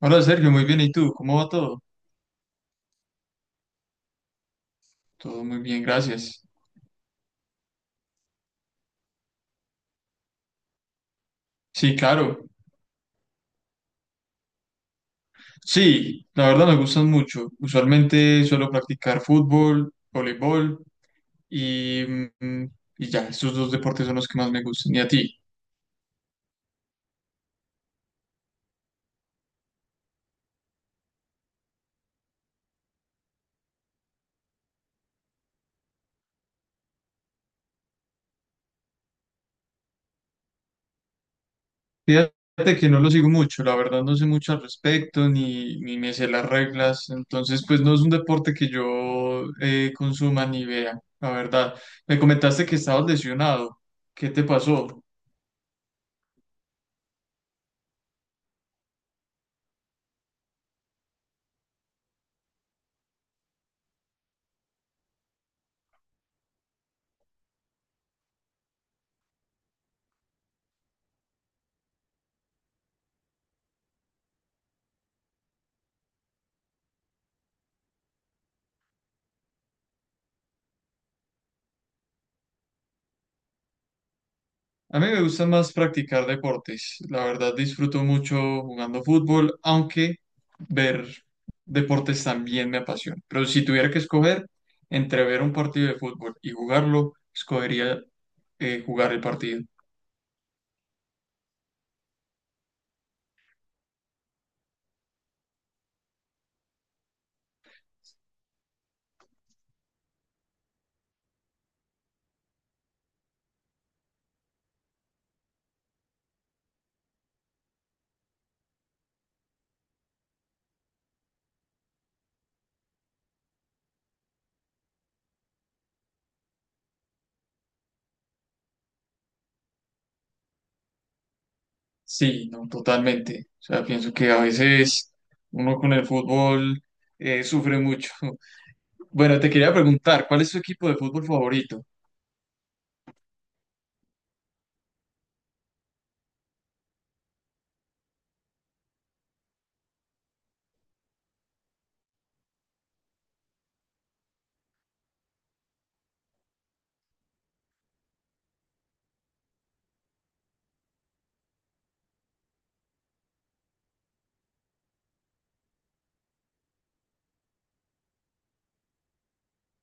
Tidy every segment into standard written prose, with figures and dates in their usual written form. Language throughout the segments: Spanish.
Hola Sergio, muy bien. ¿Y tú? ¿Cómo va todo? Todo muy bien, gracias. Sí, claro. Sí, la verdad me gustan mucho. Usualmente suelo practicar fútbol, voleibol y, mm, y ya, estos dos deportes son los que más me gustan. ¿Y a ti? Fíjate que no lo sigo mucho, la verdad no sé mucho al respecto ni me sé las reglas, entonces pues no es un deporte que yo consuma ni vea, la verdad. Me comentaste que estabas lesionado. ¿Qué te pasó? A mí me gusta más practicar deportes. La verdad disfruto mucho jugando fútbol, aunque ver deportes también me apasiona. Pero si tuviera que escoger entre ver un partido de fútbol y jugarlo, escogería jugar el partido. Sí, no, totalmente. O sea, pienso que a veces uno con el fútbol sufre mucho. Bueno, te quería preguntar, ¿cuál es tu equipo de fútbol favorito?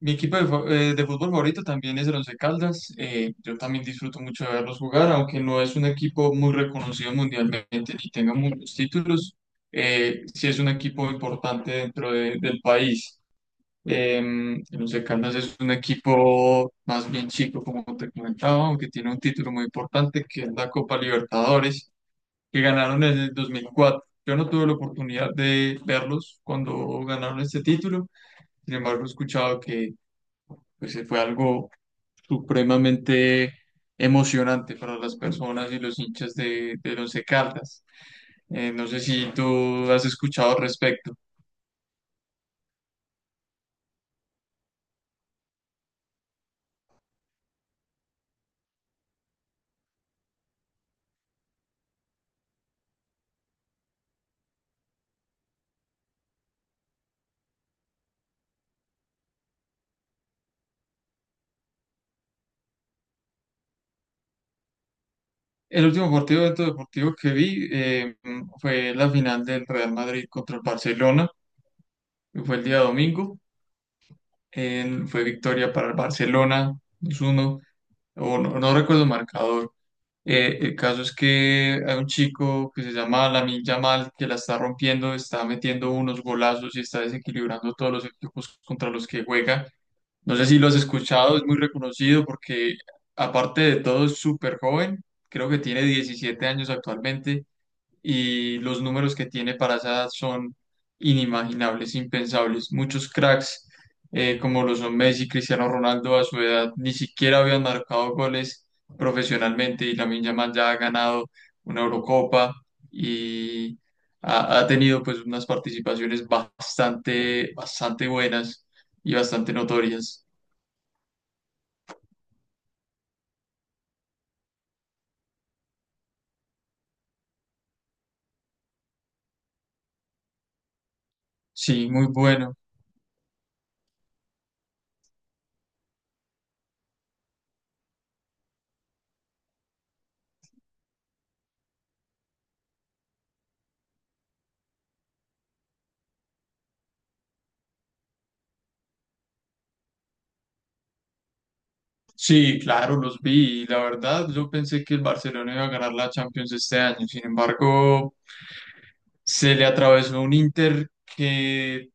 Mi equipo de fútbol favorito también es el Once Caldas. Yo también disfruto mucho de verlos jugar, aunque no es un equipo muy reconocido mundialmente ni tenga muchos títulos. Sí es un equipo importante del país. Eh, el Once Caldas es un equipo más bien chico, como te comentaba, aunque tiene un título muy importante que es la Copa Libertadores, que ganaron en el 2004. Yo no tuve la oportunidad de verlos cuando ganaron este título. Sin embargo, he escuchado que pues fue algo supremamente emocionante para las personas y los hinchas del Once Caldas. No sé si tú has escuchado al respecto. El último partido de evento deportivo que vi fue la final del Real Madrid contra el Barcelona. Fue el día domingo. Fue victoria para el Barcelona 2-1 o no, no recuerdo el marcador. El caso es que hay un chico que se llama Lamine Yamal que la está rompiendo, está metiendo unos golazos y está desequilibrando todos los equipos contra los que juega. No sé si lo has escuchado, es muy reconocido porque aparte de todo es súper joven, creo que tiene 17 años actualmente y los números que tiene para esa edad son inimaginables, impensables. Muchos cracks, como lo son Messi, Cristiano Ronaldo, a su edad ni siquiera habían marcado goles profesionalmente y Lamine Yamal ya ha ganado una Eurocopa y ha tenido pues unas participaciones bastante buenas y bastante notorias. Sí, muy bueno. Sí, claro, los vi. Y la verdad, yo pensé que el Barcelona iba a ganar la Champions este año. Sin embargo, se le atravesó un Inter que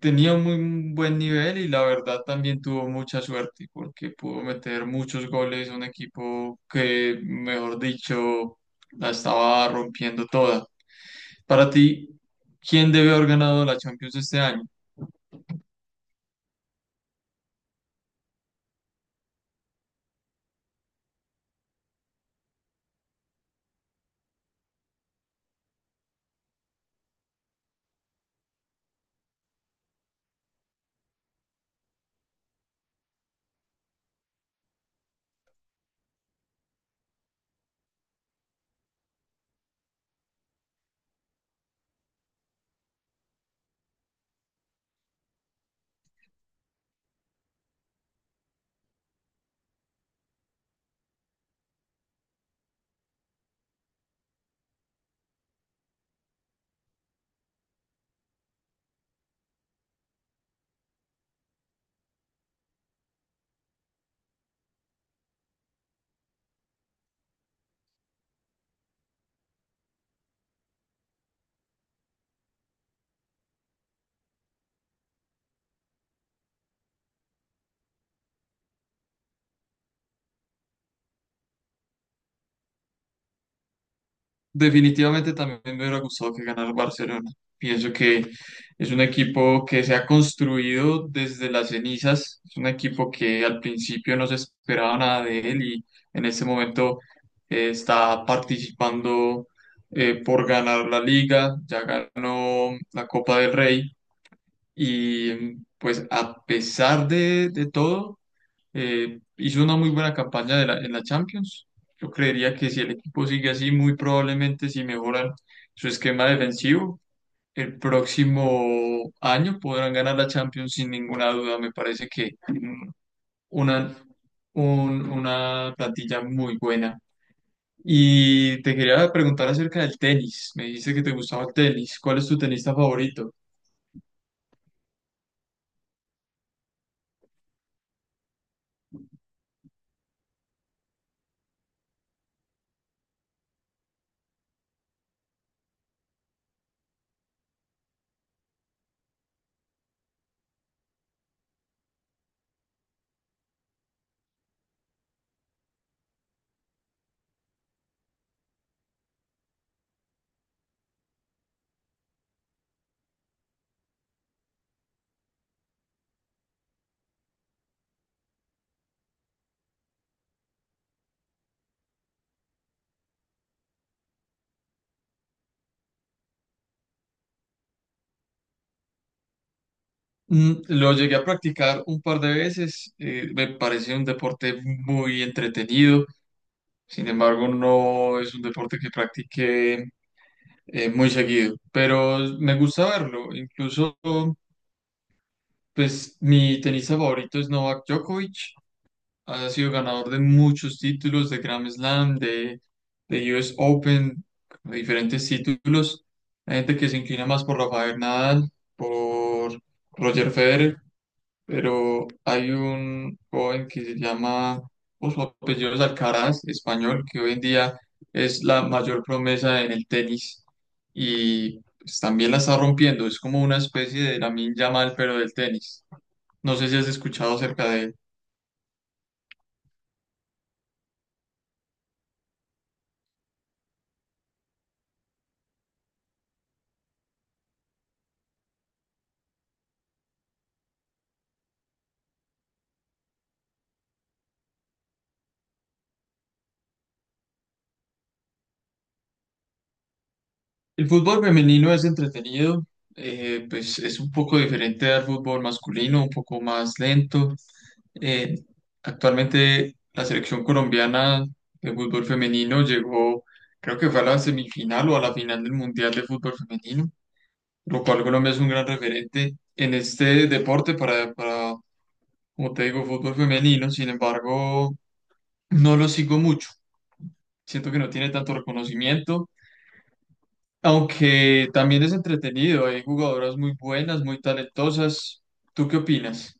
tenía un muy buen nivel y la verdad también tuvo mucha suerte porque pudo meter muchos goles a un equipo que, mejor dicho, la estaba rompiendo toda. Para ti, ¿quién debe haber ganado la Champions este año? Definitivamente también me hubiera gustado que ganara el Barcelona. Pienso que es un equipo que se ha construido desde las cenizas, es un equipo que al principio no se esperaba nada de él y en este momento está participando por ganar la liga, ya ganó la Copa del Rey y pues a pesar de todo hizo una muy buena campaña en la Champions. Yo creería que si el equipo sigue así, muy probablemente si mejoran su esquema defensivo, el próximo año podrán ganar la Champions sin ninguna duda. Me parece que una, una plantilla muy buena. Y te quería preguntar acerca del tenis. Me dijiste que te gustaba el tenis. ¿Cuál es tu tenista favorito? Lo llegué a practicar un par de veces. Me parece un deporte muy entretenido, sin embargo no es un deporte que practique muy seguido, pero me gusta verlo, incluso pues mi tenista favorito es Novak Djokovic, ha sido ganador de muchos títulos, de Grand Slam, de US Open, de diferentes títulos, hay gente que se inclina más por Rafael Nadal, por... Roger Federer, pero hay un joven que se llama, o su apellido es Alcaraz, español, que hoy en día es la mayor promesa en el tenis y pues, también la está rompiendo. Es como una especie de Lamine Yamal, pero del tenis. No sé si has escuchado acerca de él. El fútbol femenino es entretenido, pues es un poco diferente al fútbol masculino, un poco más lento. Eh, Actualmente la selección colombiana de fútbol femenino llegó, creo que fue a la semifinal o a la final del Mundial de Fútbol Femenino, lo cual Colombia es un gran referente en este deporte para, como te digo, fútbol femenino. Sin embargo, no lo sigo mucho. Siento que no tiene tanto reconocimiento. Aunque también es entretenido, hay jugadoras muy buenas, muy talentosas. ¿Tú qué opinas?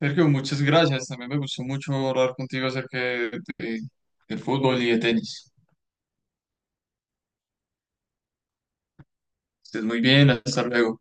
Sergio, muchas gracias. También me gustó mucho hablar contigo acerca de- del fútbol y de tenis. Estés muy bien, hasta luego.